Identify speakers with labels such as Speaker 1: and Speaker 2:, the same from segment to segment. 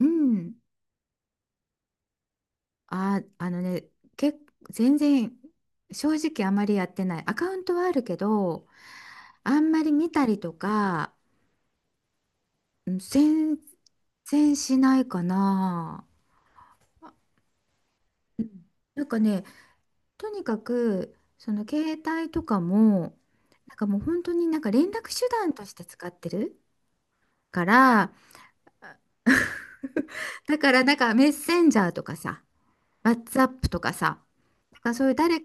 Speaker 1: うん。あ、あのね、け、全然、正直あまりやってない。アカウントはあるけど、あんまり見たりとか、うん全然しないかな。うんなんかね、とにかく、その携帯とかも、もう本当に連絡手段として使ってるから、だからメッセンジャーとかさ、WhatsApp とかさ、なんかそういう誰、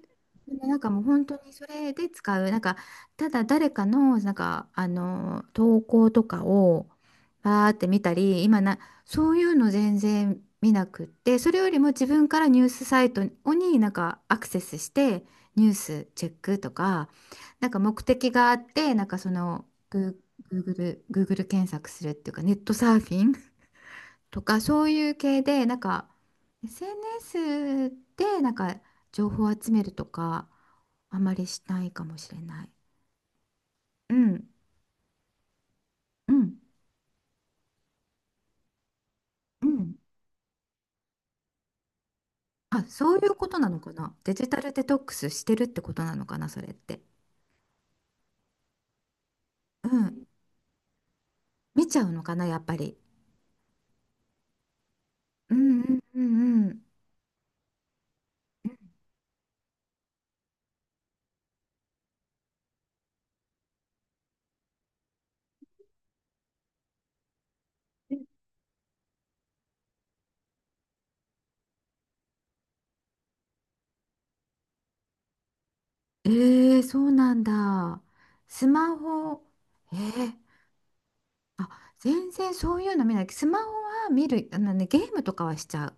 Speaker 1: なんかもう本当にそれで使う、ただ誰かの、あの投稿とかをバーって見たり、そういうの全然見なくって、それよりも自分からニュースサイトにアクセスして、ニュースチェックとか、なんか目的があって、グー Google、Google 検索するっていうか、ネットサーフィンとかそういう系でSNS で情報を集めるとかあまりしないかもしれない。うんうんうんあ、そういうことなのかな。デジタルデトックスしてるってことなのかな、それって。うん、見ちゃうのかなやっぱり。うんうんうんうん。えー、そうなんだ。スマホ、えー、あ、全然そういうの見ない。スマホは見る、あのね、ゲームとかはしちゃう。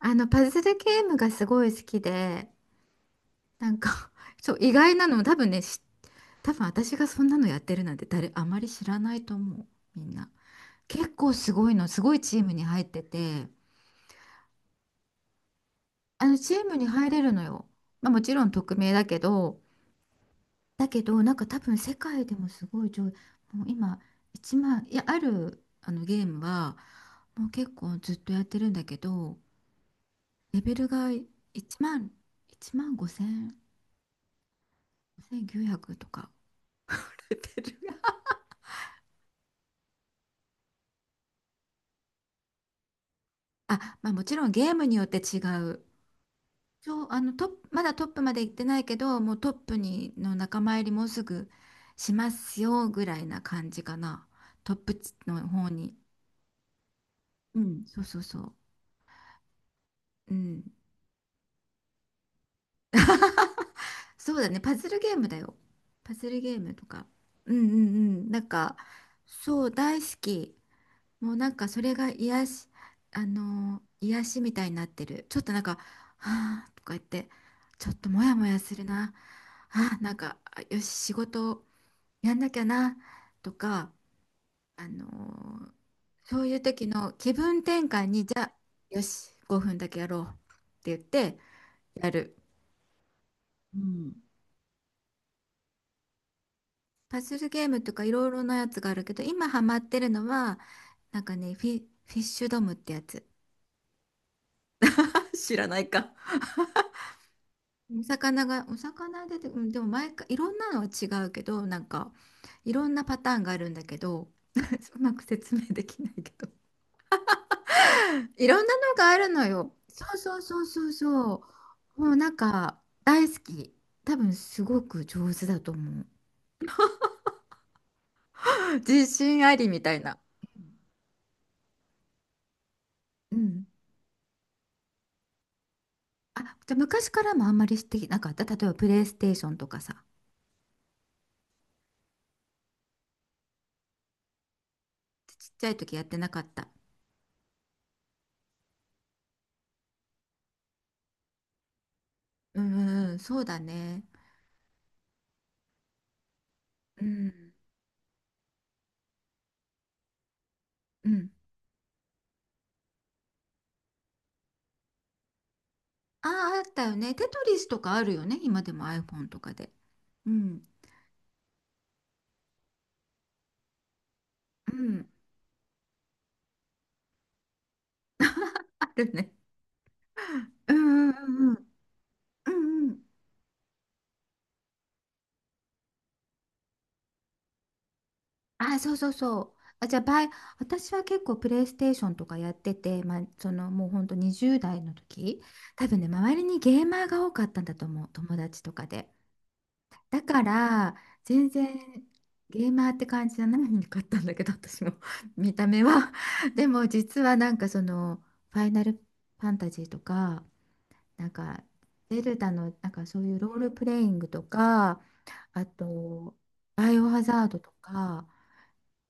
Speaker 1: あの、パズルゲームがすごい好きで、なんか そう、意外なの、多分私がそんなのやってるなんてあまり知らないと思う、みんな。結構すごいの、すごいチームに入ってて、あの、チームに入れるのよ。まあ、もちろん匿名だけど。だけど、なんか多分世界でもすごい上、もう今、1万、いや、ある、あのゲームは、もう結構ずっとやってるんだけど、レベルが1万、1万5千、5900とか。てるあ、まあ、もちろんゲームによって違う。そう、あのトップ、まだトップまで行ってないけど、もうトップにの仲間入りもうすぐしますよぐらいな感じかな。トップの方に。うん、そうそうそう。うん。そうだね、パズルゲームだよ。パズルゲームとか。うんうんうん。なんか、そう、大好き。もうなんかそれが癒し、あのー癒しみたいになってる。ちょっとなんか、はあとか言って、ちょっとモヤモヤするな。あーなんか、あよし、仕事やんなきゃな、とか、あのーそういう時の気分転換に、じゃあ、よし、5分だけやろうって言ってやる。うん。パズルゲームとかいろいろなやつがあるけど、今ハマってるのは、なんかね、フィッシュドムってやつ。知らないか。お魚出て、うん、でも毎回いろんなのは違うけど、なんかいろんなパターンがあるんだけど、うまく説明できないけど。いろんなのがあるのよ。そうそうそうそうそう。もうなんか大好き。多分すごく上手だと思う。自信ありみたいな。うん。あ、じゃあ昔からもあんまりしてなかった。例えばプレイステーションとかさ。ちっちゃい時やってなかった。うんうんうん、そうだね。うん。うん。ああ、あったよね。テトリスとかあるよね。今でも iPhone とかで。うん。うん。あるね。うんうんうんうん。うんうん。ああ、そうそうそう。あ、じゃあ、バイ、私は結構プレイステーションとかやってて、まあ、そのもうほんと20代の時、多分ね、周りにゲーマーが多かったんだと思う。友達とかで。だから、全然ゲーマーって感じじゃないかったんだけど、私も 見た目は。でも、実はなんかその、ファイナルファンタジーとか、なんか、ゼルダの、なんかそういうロールプレイングとか、あと、バイオハザードとか、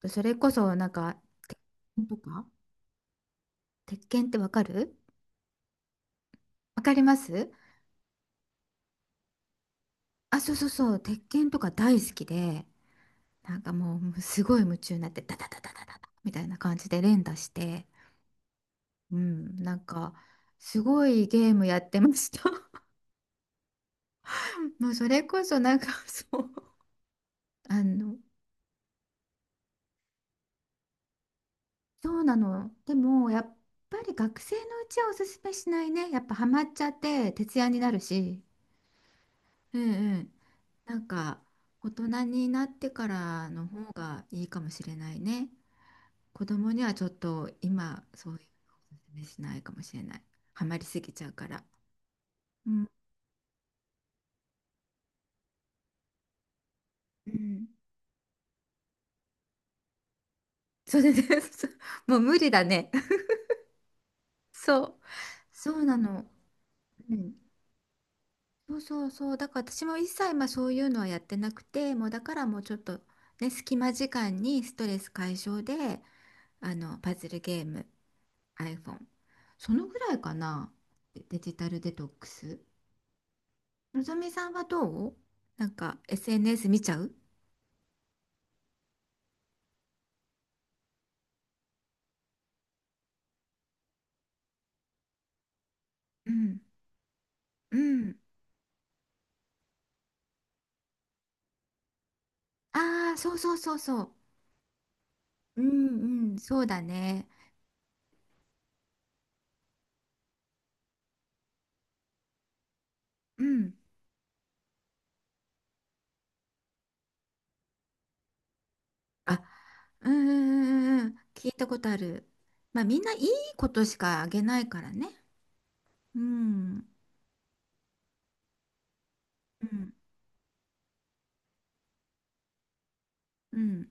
Speaker 1: それこそなんか、鉄拳とか、鉄拳ってわかる？わかります？あ、そうそうそう、鉄拳とか大好きで、もうすごい夢中になって、ダダダダダダダみたいな感じで連打して、うん、なんか、すごいゲームやってました。もうそれこそなんか、そう、あの、そうなの。でも、やっぱり学生のうちはおすすめしないね。やっぱハマっちゃって徹夜になるし。うんうん。なんか、大人になってからの方がいいかもしれないね。子供にはちょっと今、そういうのおすすめしないかもしれない。ハマりすぎちゃうから。うん。うん。それで、そうもう無理だね。そう。そうなの。うんそうそうそう。だから私も一切まあそういうのはやってなくて、もうだからもうちょっとね、隙間時間にストレス解消で、あの、パズルゲーム、iPhone。そのぐらいかな。デジタルデトックス。のぞみさんはどう？なんか SNS 見ちゃう？うん。うん。ああ、そうそうそうそう。うんうん、そうだね。うん。あ、うんうんうんうん。聞いたことある。まあみんないいことしかあげないからね。うん。うんうん、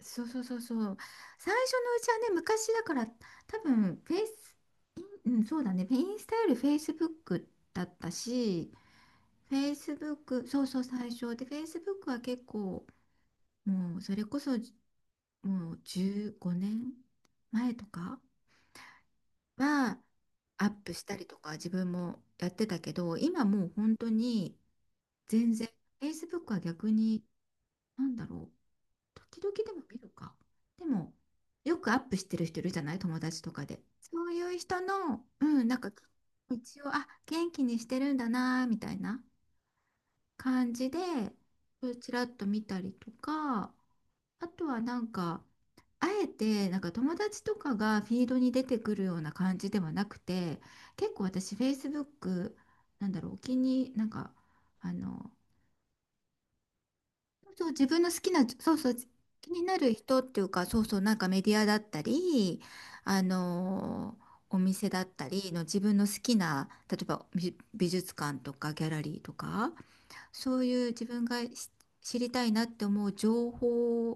Speaker 1: そうそうそうそう。最初のうちはね、昔だから多分フェイスインうん、そうだね、インスタよりフェイスブックだったし。フェイスブックそうそう最初でフェイスブックは結構、もうそれこそもう15年前とかはアップしたりとか自分もやってたけど、今もう本当に全然フェイスブックは。逆になんだろう、時々でも見るか。でも、よくアップしてる人いるじゃない、友達とかで。そういう人の、うん、なんか、一応、あ、元気にしてるんだな、みたいな感じで、ちらっと見たりとか。あとはなんか、あえて、なんか友達とかがフィードに出てくるような感じではなくて、結構私、Facebook、なんだろう、お気に、なんか、あの、そう、自分の好きな、そうそう、気になる人っていうか、そうそう、なんかメディアだったり、あのーお店だったりの自分の好きな、例えば美術館とかギャラリーとか、そういう自分が知りたいなって思う情報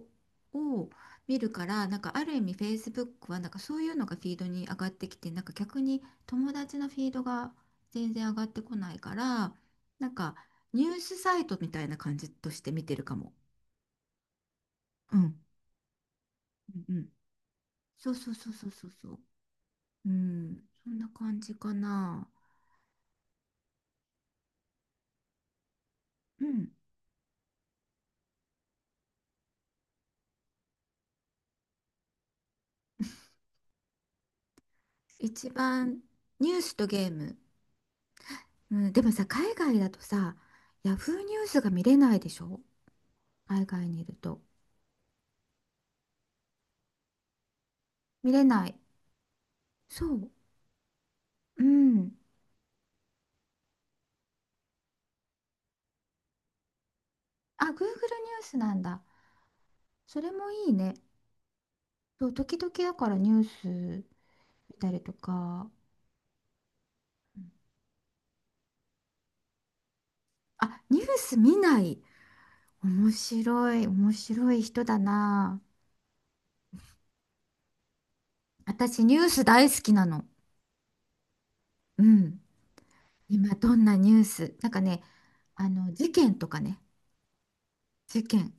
Speaker 1: を見るから、なんかある意味 Facebook はなんかそういうのがフィードに上がってきて、なんか逆に友達のフィードが全然上がってこないから、なんかニュースサイトみたいな感じとして見てるかも。うん。うんうん。そうそうそうそうそうそう。うん。そんな感じかな。うん。一番ニュースとゲーム。うん。でもさ、海外だとさ、ヤフーニュースが見れないでしょ、海外にいると。見れない。そう。うん。あ、Google ニュースなんだ。それもいいね。そう、時々だからニュース見たりとか。あ、ニュース見ない。面白い。面白い人だな。私ニュース大好きなの。うん。今どんなニュースなんかね、あの事件とかね。事件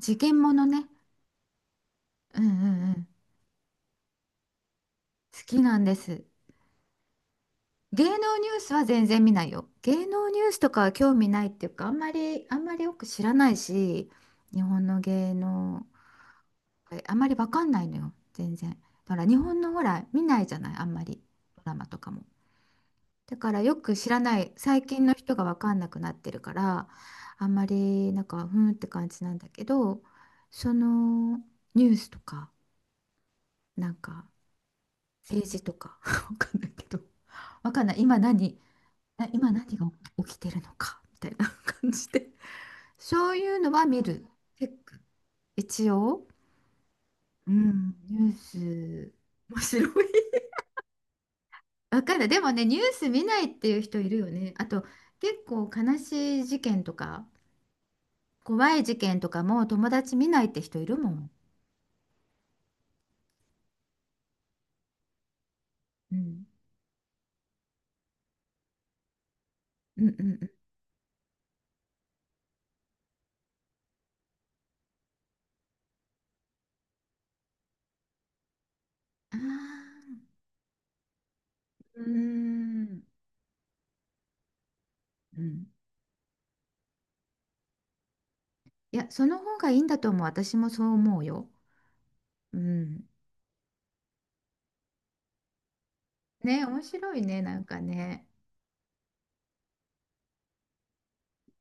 Speaker 1: 事件ものね。うんうんうん、好きなんです。芸能ニュースは全然見ないよ。芸能ニュースとかは興味ないっていうかあんまりよく知らないし、日本の芸能あんまりわかんないのよ全然。だから日本のほら見ないじゃないあんまり、ドラマとかも。だからよく知らない、最近の人が分かんなくなってるから、あんまりなんかふーんって感じなんだけど、そのニュースとかなんか政治とか 分かんないけど、分かんない今何あ、今何が起きてるのかみたいな感じで、そういうのは見る、チェック一応、うん、ニュース。面白い、分かんないでもね。ニュース見ないっていう人いるよね、あと結構悲しい事件とか怖い事件とかも友達見ないって人いるもん。うん。うんうんうん。ああ、うーん。うん。いや、その方がいいんだと思う。私もそう思うよ。うん。ね、面白いね、なんかね。